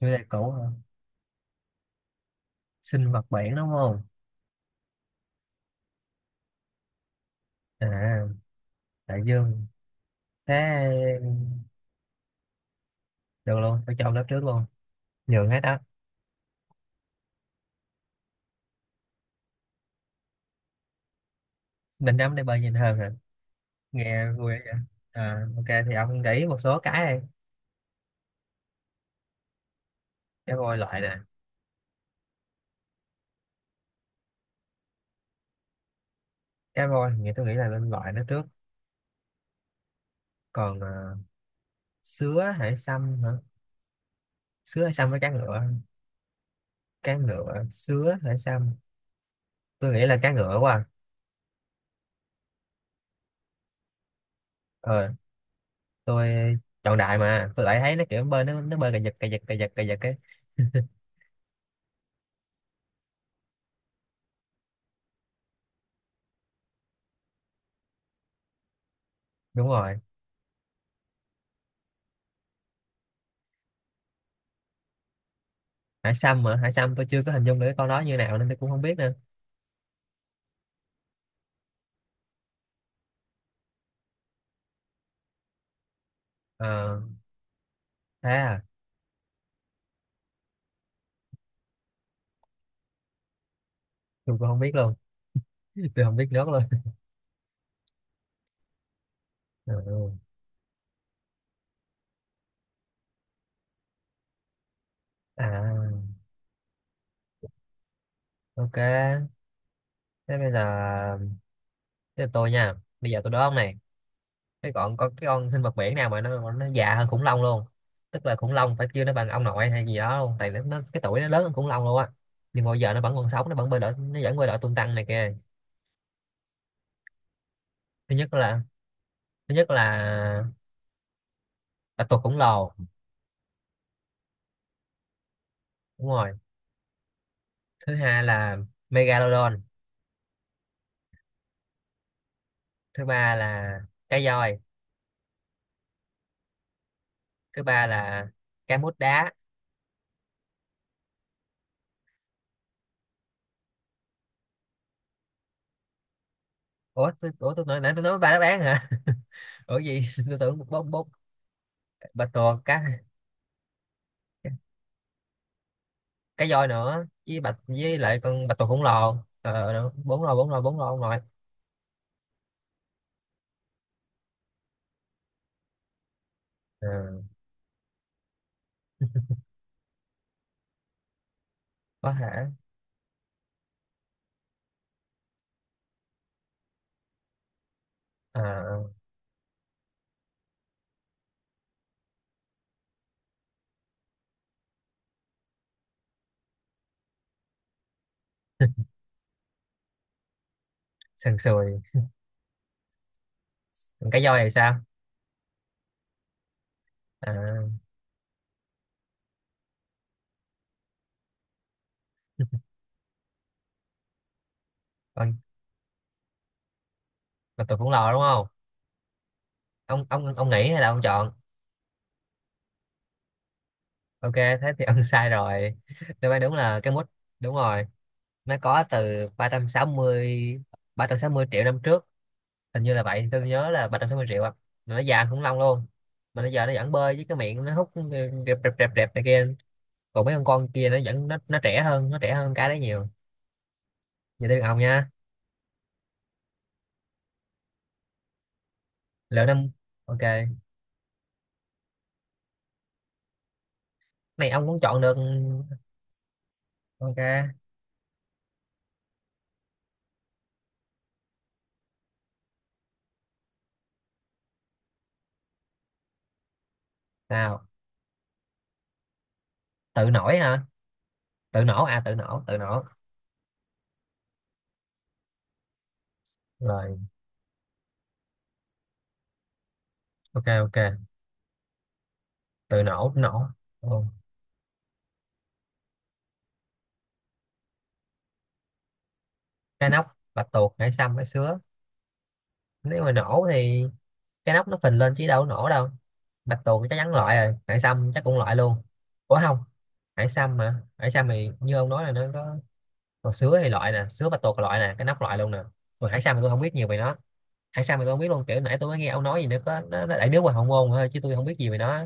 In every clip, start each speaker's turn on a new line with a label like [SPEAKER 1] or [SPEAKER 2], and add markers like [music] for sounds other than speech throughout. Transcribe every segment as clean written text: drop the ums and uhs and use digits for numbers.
[SPEAKER 1] Chủ đề cũ hả? Sinh vật biển đúng không? À, đại dương. Thế được luôn, tôi chọn lớp trước luôn, nhường hết á. Định đắm để bơi nhìn hơn hả? Nghe vui vậy. Ok thì ông nghĩ một số cái đi. Cá voi loại nè. Cá voi thì nghĩ tôi nghĩ là nên loại nó trước. Còn sứa hải sâm hả? Sứa hải sâm với cá ngựa. Cá ngựa sứa hải sâm, tôi nghĩ là cá ngựa quá à. Ờ, tôi chọn đại mà tôi lại thấy nó kiểu bơi nó bơi cà giật cà giật cà giật cà giật ấy. Đúng rồi. Hải sâm, mà hải sâm tôi chưa có hình dung được cái con đó như nào nên tôi cũng không biết nữa. Ờ, thế à? Tôi cũng không biết luôn. [laughs] Tôi không biết nước luôn. [laughs] Ờ, à, ok thế bây giờ, thế là tôi nha, bây giờ tôi đố ông này. Cái còn có cái con sinh vật biển nào mà nó già hơn khủng long luôn. Tức là khủng long phải kêu nó bằng ông nội hay gì đó luôn, tại nó cái tuổi nó lớn hơn khủng long luôn á. Nhưng mà bây giờ nó vẫn còn sống, nó vẫn bơi lội, nó vẫn bơi lội tung tăng này kìa. Thứ nhất là thứ nhất là bạch tuộc khổng lồ. Đúng rồi. Thứ hai là megalodon. Thứ ba là cá voi. Thứ ba là cá mút đá. Ủa tôi nói, nãy tôi nói ba đáp án hả? [laughs] Ủa gì, [laughs] tôi tưởng bốn bốn. Bạch tuộc cá, cá voi nữa với bạch với lại con bạch tuộc khổng lồ. Ờ đúng, bốn rồi. Ờ, có hả? Ờ, sần sùi. Còn cá voi thì sao? Ờ, con bạch tuộc khổng lồ đúng không? Ông nghĩ hay là ông chọn? Ok thế thì [laughs] ông sai rồi. Đáp án đúng là cá mút. Đúng rồi, nó có từ ba ba trăm trăm sáu mươi ba trăm sáu mươi triệu năm trước. Hình như là vậy, tôi nhớ là 360 triệu à, mà nó già khủng long luôn. Mà bây giờ nó vẫn bơi với cái miệng nó hút rẹp rẹp rẹp rẹp này kia. Còn mấy con kia nó vẫn nó trẻ hơn, nó trẻ hơn cái đấy nhiều. Giờ tới lượt ông nha. Lựa năm. Ok, này ông cũng chọn được. Ok, nào. Tự nổi hả? Tự nổ à, tự nổ tự nổ. Rồi, ok ok. Tự nổ nổ. Ừ. Cá nóc, bạch tuộc, hải sâm, hải sứa. Nếu mà nổ thì cái nóc nó phình lên chứ đâu có nổ đâu. Bạch tuộc chắc chắn loại rồi, hải sâm chắc cũng loại luôn. Ủa không, hải sâm, mà hải sâm thì như ông nói là nó có. Còn sứa thì loại nè, sứa bạch tuộc loại nè, cái nóc loại luôn nè. Còn hải sâm thì tôi không biết nhiều về nó. Hải sâm thì tôi không biết luôn, kiểu nãy tôi mới nghe ông nói gì nữa, có nó đại nước ngoài hậu môn thôi chứ tôi không biết gì về nó.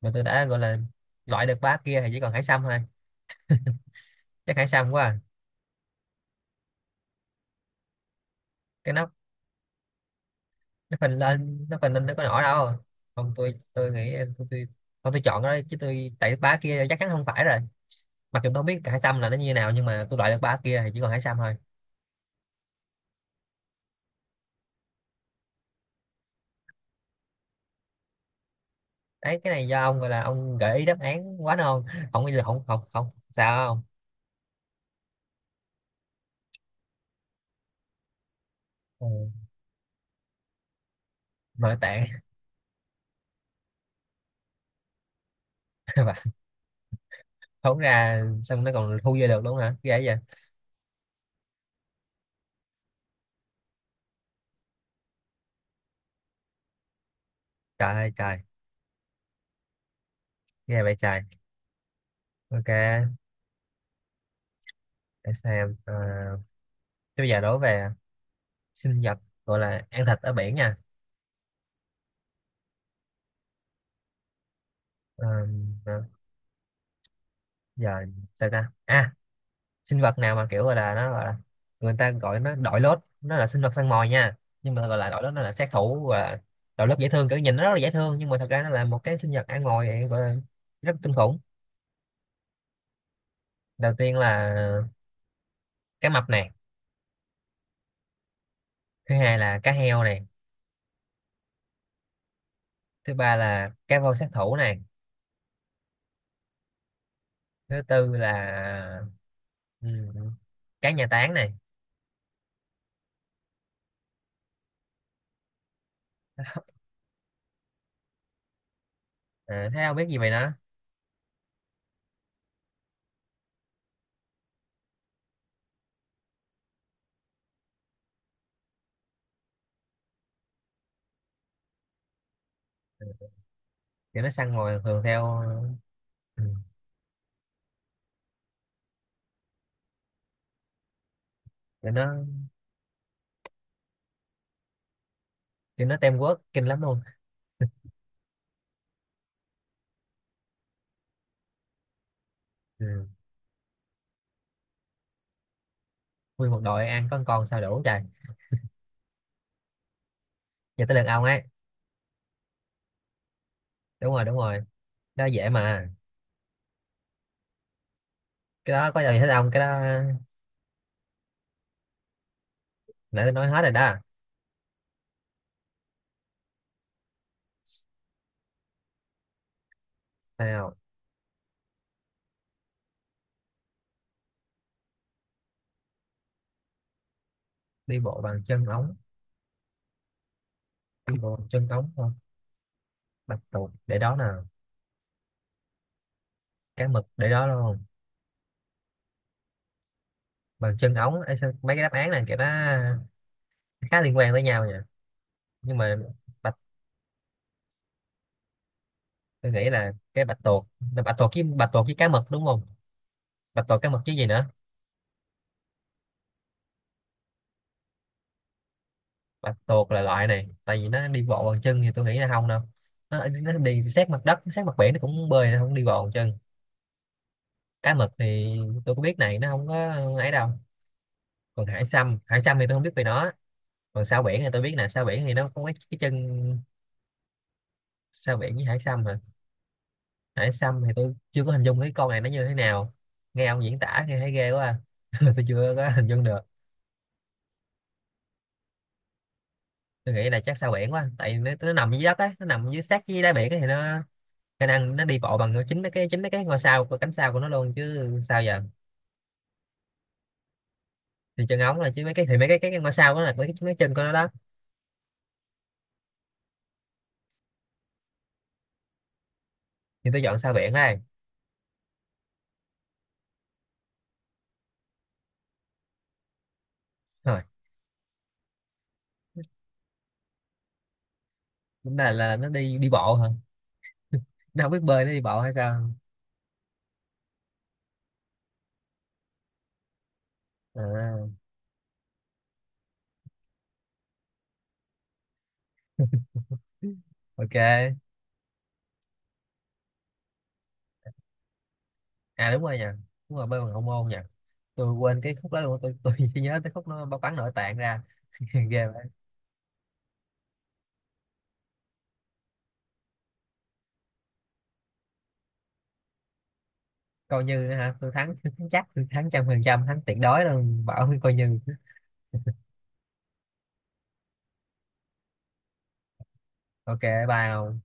[SPEAKER 1] Mà tôi đã gọi là loại được ba kia thì chỉ còn hải sâm thôi. Chắc hải sâm quá à. Cái nóc nó phình lên nó có nổ đâu. Không, tôi tôi nghĩ tôi chọn cái đó chứ, tôi tại ba kia chắc chắn không phải rồi. Mặc dù tôi không biết hải xăm là nó như thế nào nhưng mà tôi loại được ba kia thì chỉ còn hải xăm thôi. Đấy, cái này do ông gọi là ông gợi ý đáp án quá non. Không, bây giờ không, không sao không. Ừ. Nội tạng. [laughs] Và thốn ra xong nó còn thu về được luôn hả, ghê vậy. Trời ơi trời. Ghê vậy trời. Ok, để xem. Ờ, thế bây giờ đố về sinh vật gọi là ăn thịt ở biển nha. Ờ, ờ, giờ sao ta à, sinh vật nào mà kiểu gọi là nó gọi là, người ta gọi nó đội lốt, nó là sinh vật săn mồi nha. Nhưng mà gọi là đội lốt, nó là sát thủ, gọi là đội lốt dễ thương, kiểu nhìn nó rất là dễ thương nhưng mà thật ra nó là một cái sinh vật ăn mồi vậy, gọi là rất kinh khủng. Đầu tiên là cá mập này. Thứ hai là cá heo này. Thứ ba là cá voi sát thủ này. Thứ tư là ừm, cá nhà táng này. [laughs] À, thấy không biết gì vậy nó. Thì nó săn mồi thường theo. Ừ, kiểu nó, kiểu nó teamwork kinh lắm luôn. Ừ. Nguyên một đội ăn con sao đủ trời. Giờ tới lượt ông ấy. Đúng rồi đúng rồi, đó dễ mà. Cái đó có gì hết ông, cái đó. Nãy tôi nói hết rồi đó. Nào. Đi bộ bằng chân ống? Đi bộ bằng chân ống thôi? Bạch tuộc để đó nè. Cá mực để đó luôn. Bằng chân ống ấy, sao- mấy cái đáp án này kiểu nó khá liên quan tới nhau nhỉ. Nhưng mà bạch, tôi nghĩ là cái bạch tuộc. Bạch tuộc với bạch tuộc với cá mực đúng không? Bạch tuộc cá mực chứ gì nữa. Bạch tuộc là loại này, tại vì nó đi bộ bằng chân thì tôi nghĩ là không đâu. Nó đi sát mặt đất sát mặt biển, nó cũng bơi, nó không đi bộ bằng chân. Cá mực thì tôi cũng biết này, nó không có ấy đâu. Còn hải sâm, hải sâm thì tôi không biết về nó. Còn sao biển thì tôi biết nè, sao biển thì nó có cái chân. Sao biển với hải sâm hả? Hải sâm thì tôi chưa có hình dung cái con này nó như thế nào. Nghe ông diễn tả nghe thấy ghê quá à. [laughs] Tôi chưa có hình dung được. Tôi nghĩ là chắc sao biển quá, tại nó nằm dưới đất á, nó nằm dưới sát dưới đáy biển á, thì nó khả năng nó đi bộ bằng chính mấy cái ngôi sao của cánh sao của nó luôn chứ sao giờ. Thì chân ống là chứ mấy cái, thì mấy cái ngôi sao đó là mấy chân của nó đó. Thì tôi dọn sao biển đây. Ờ. Lúc này là nó đi đi bộ hả? Nó không biết bơi nó đi bộ hay sao? À, ok. À đúng rồi nha. Đúng rồi bơi bằng ông môn nha. Tôi quên cái khúc đó luôn. Tôi chỉ nhớ tới khúc nó bao bắn nội tạng ra. [laughs] Ghê vậy. Coi như nữa hả? Tôi thắng, [laughs] tôi thắng chắc, tôi thắng trăm phần trăm, thắng tuyệt đối luôn. Bảo với coi như. Ok, bye.